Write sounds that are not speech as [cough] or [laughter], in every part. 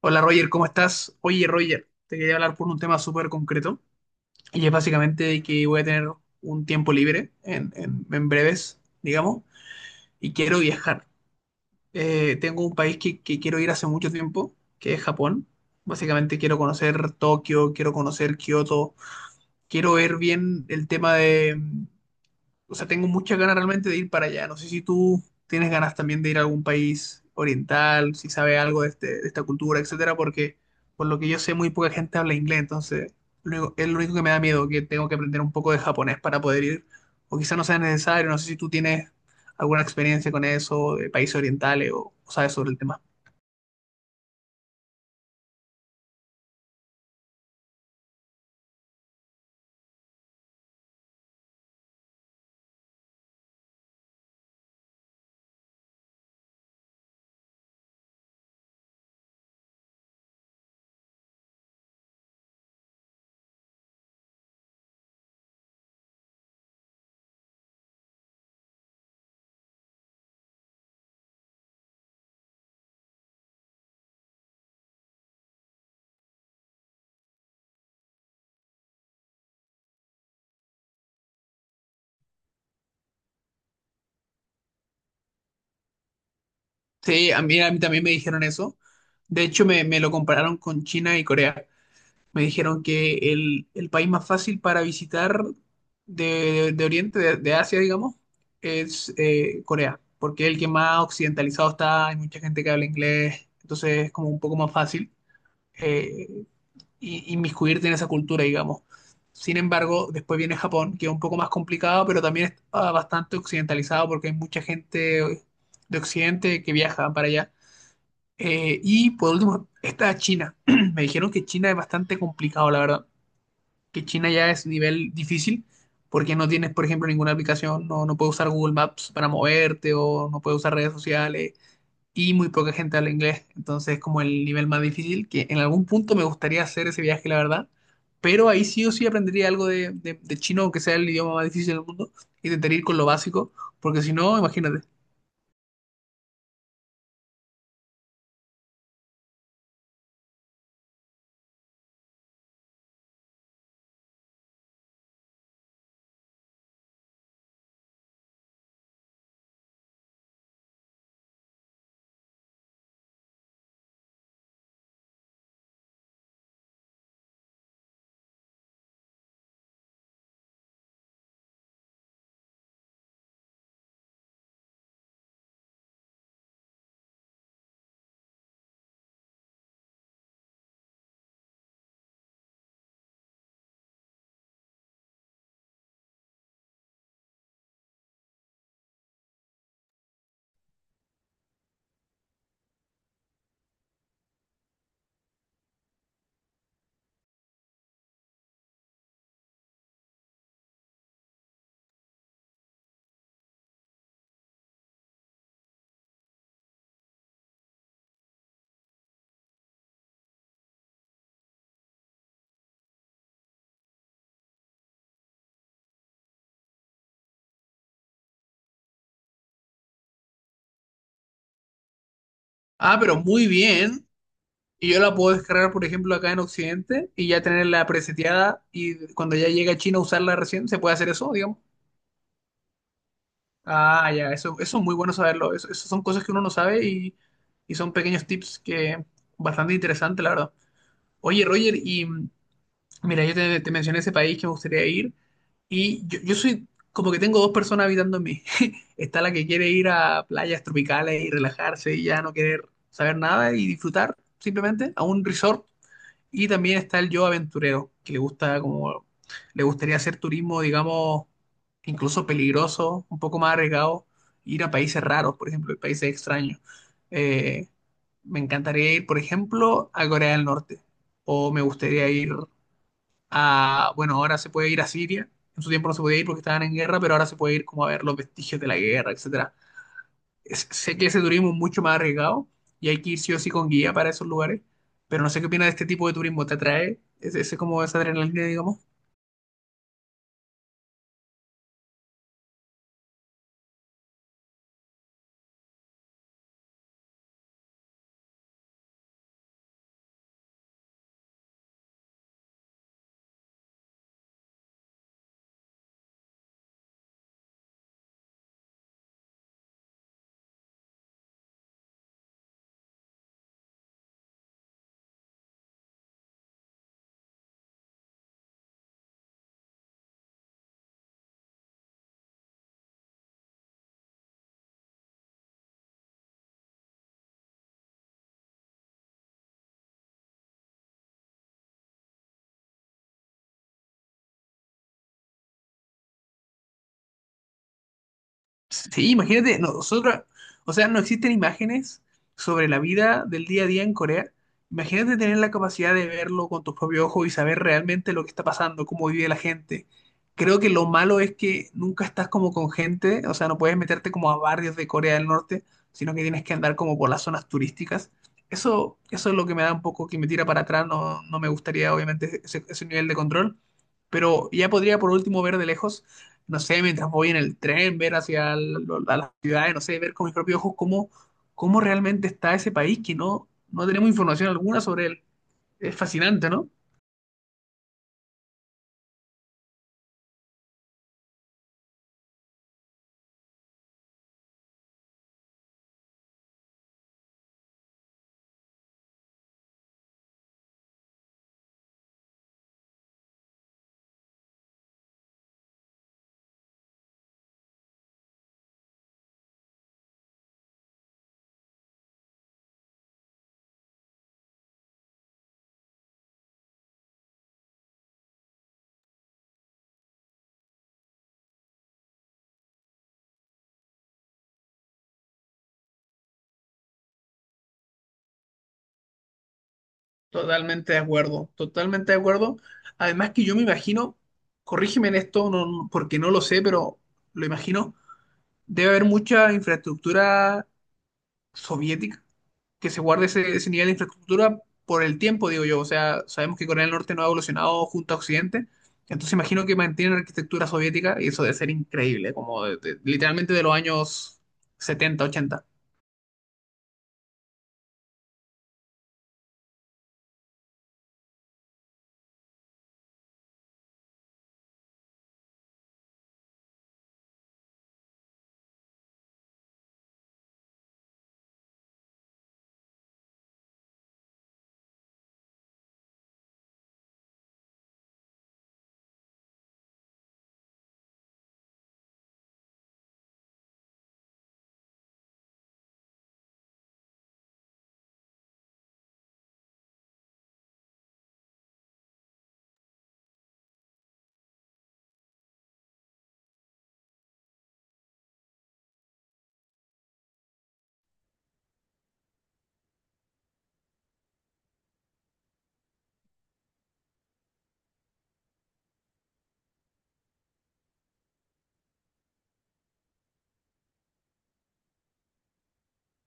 Hola Roger, ¿cómo estás? Oye Roger, te quería hablar por un tema súper concreto y es básicamente que voy a tener un tiempo libre en breves, digamos, y quiero viajar. Tengo un país que quiero ir hace mucho tiempo, que es Japón. Básicamente quiero conocer Tokio, quiero conocer Kioto, quiero ver bien el tema de, o sea, tengo muchas ganas realmente de ir para allá. No sé si tú tienes ganas también de ir a algún país oriental, si sabes algo de, de esta cultura, etcétera, porque por lo que yo sé, muy poca gente habla inglés, entonces es lo único que me da miedo, que tengo que aprender un poco de japonés para poder ir, o quizá no sea necesario. No sé si tú tienes alguna experiencia con eso, de países orientales, o sabes sobre el tema. Sí, a mí también me dijeron eso. De hecho, me lo compararon con China y Corea. Me dijeron que el país más fácil para visitar de, de Oriente, de Asia, digamos, es Corea, porque es el que más occidentalizado está, hay mucha gente que habla inglés, entonces es como un poco más fácil eh, inmiscuirte en esa cultura, digamos. Sin embargo, después viene Japón, que es un poco más complicado, pero también está bastante occidentalizado porque hay mucha gente de Occidente que viaja para allá. Y por último está China. [clears throat] Me dijeron que China es bastante complicado, la verdad que China ya es nivel difícil porque no tienes, por ejemplo, ninguna aplicación, no puedes usar Google Maps para moverte o no puedes usar redes sociales y muy poca gente habla inglés. Entonces es como el nivel más difícil que en algún punto me gustaría hacer ese viaje, la verdad. Pero ahí sí o sí aprendería algo de chino, aunque sea el idioma más difícil del mundo, y tentaría ir con lo básico, porque si no, imagínate. Ah, pero muy bien. Y yo la puedo descargar, por ejemplo, acá en Occidente y ya tenerla preseteada y cuando ya llegue a China usarla recién, ¿se puede hacer eso, digamos? Ah, ya, eso es muy bueno saberlo. Eso son cosas que uno no sabe y son pequeños tips que bastante interesantes, la verdad. Oye, Roger, y mira, te mencioné ese país que me gustaría ir y yo soy como que tengo dos personas habitando en mí. [laughs] Está la que quiere ir a playas tropicales y relajarse y ya no querer saber nada y disfrutar simplemente a un resort y también está el yo aventurero, que le gustaría hacer turismo, digamos, incluso peligroso, un poco más arriesgado, ir a países raros, por ejemplo, y países extraños. Eh, Me encantaría ir, por ejemplo, a Corea del Norte, o me gustaría ir a, bueno, ahora se puede ir a Siria, en su tiempo no se podía ir porque estaban en guerra, pero ahora se puede ir como a ver los vestigios de la guerra, etcétera. Sé que ese turismo es mucho más arriesgado y hay que ir sí o sí con guía para esos lugares, pero no sé qué opinas de este tipo de turismo, ¿te atrae? Es como esa adrenalina, digamos? Sí, imagínate, o sea, no existen imágenes sobre la vida del día a día en Corea. Imagínate tener la capacidad de verlo con tus propios ojos y saber realmente lo que está pasando, cómo vive la gente. Creo que lo malo es que nunca estás como con gente, o sea, no puedes meterte como a barrios de Corea del Norte, sino que tienes que andar como por las zonas turísticas. Eso es lo que me da un poco, que me tira para atrás, no me gustaría obviamente ese ese nivel de control, pero ya podría por último ver de lejos, no sé, mientras voy en el tren, ver a las ciudades, no sé, ver con mis propios ojos cómo realmente está ese país que no tenemos información alguna sobre él. Es fascinante, ¿no? Totalmente de acuerdo, totalmente de acuerdo. Además que yo me imagino, corrígeme en esto, porque no lo sé, pero lo imagino, debe haber mucha infraestructura soviética que se guarde ese nivel de infraestructura por el tiempo, digo yo. O sea, sabemos que Corea del Norte no ha evolucionado junto a Occidente, entonces imagino que mantienen la arquitectura soviética y eso debe ser increíble, como literalmente de los años setenta ochenta.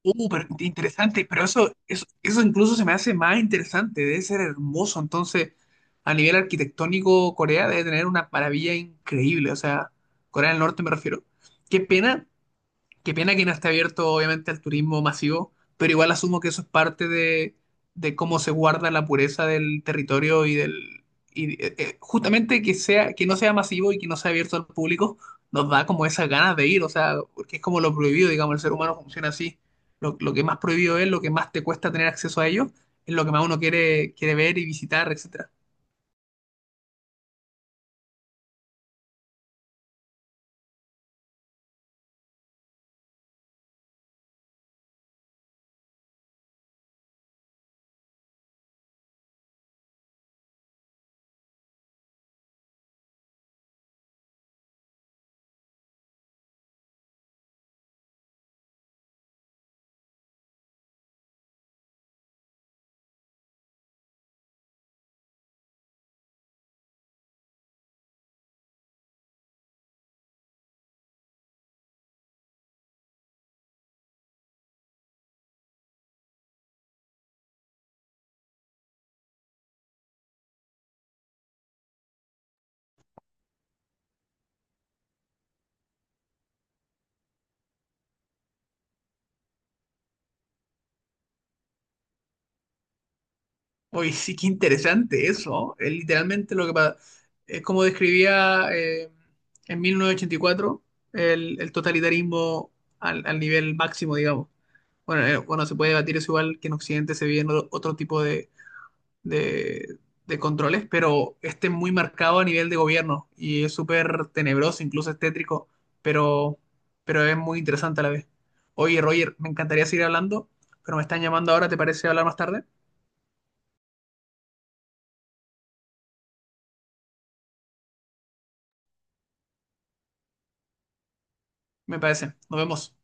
Pero interesante, pero eso incluso se me hace más interesante, debe ser hermoso. Entonces, a nivel arquitectónico, Corea debe tener una maravilla increíble, o sea, Corea del Norte me refiero. Qué pena. Qué pena que no esté abierto, obviamente, al turismo masivo, pero igual asumo que eso es parte de cómo se guarda la pureza del territorio y del. Y, justamente que sea, que no sea masivo y que no sea abierto al público, nos da como esas ganas de ir, o sea, porque es como lo prohibido, digamos, el ser humano funciona así. Lo que más prohibido es, lo que más te cuesta tener acceso a ello, es lo que más uno quiere, quiere ver y visitar, etc. Uy, sí, qué interesante eso. Es literalmente lo que pa- Es como describía en 1984 el totalitarismo al nivel máximo, digamos. Bueno, se puede debatir eso igual que en Occidente se viven otro, otro tipo de, de- de controles, pero este es muy marcado a nivel de gobierno y es súper tenebroso, incluso es tétrico, pero, pero es muy interesante a la vez. Oye, Roger, me encantaría seguir hablando, pero me están llamando ahora, ¿te parece hablar más tarde? Me parece. Nos vemos.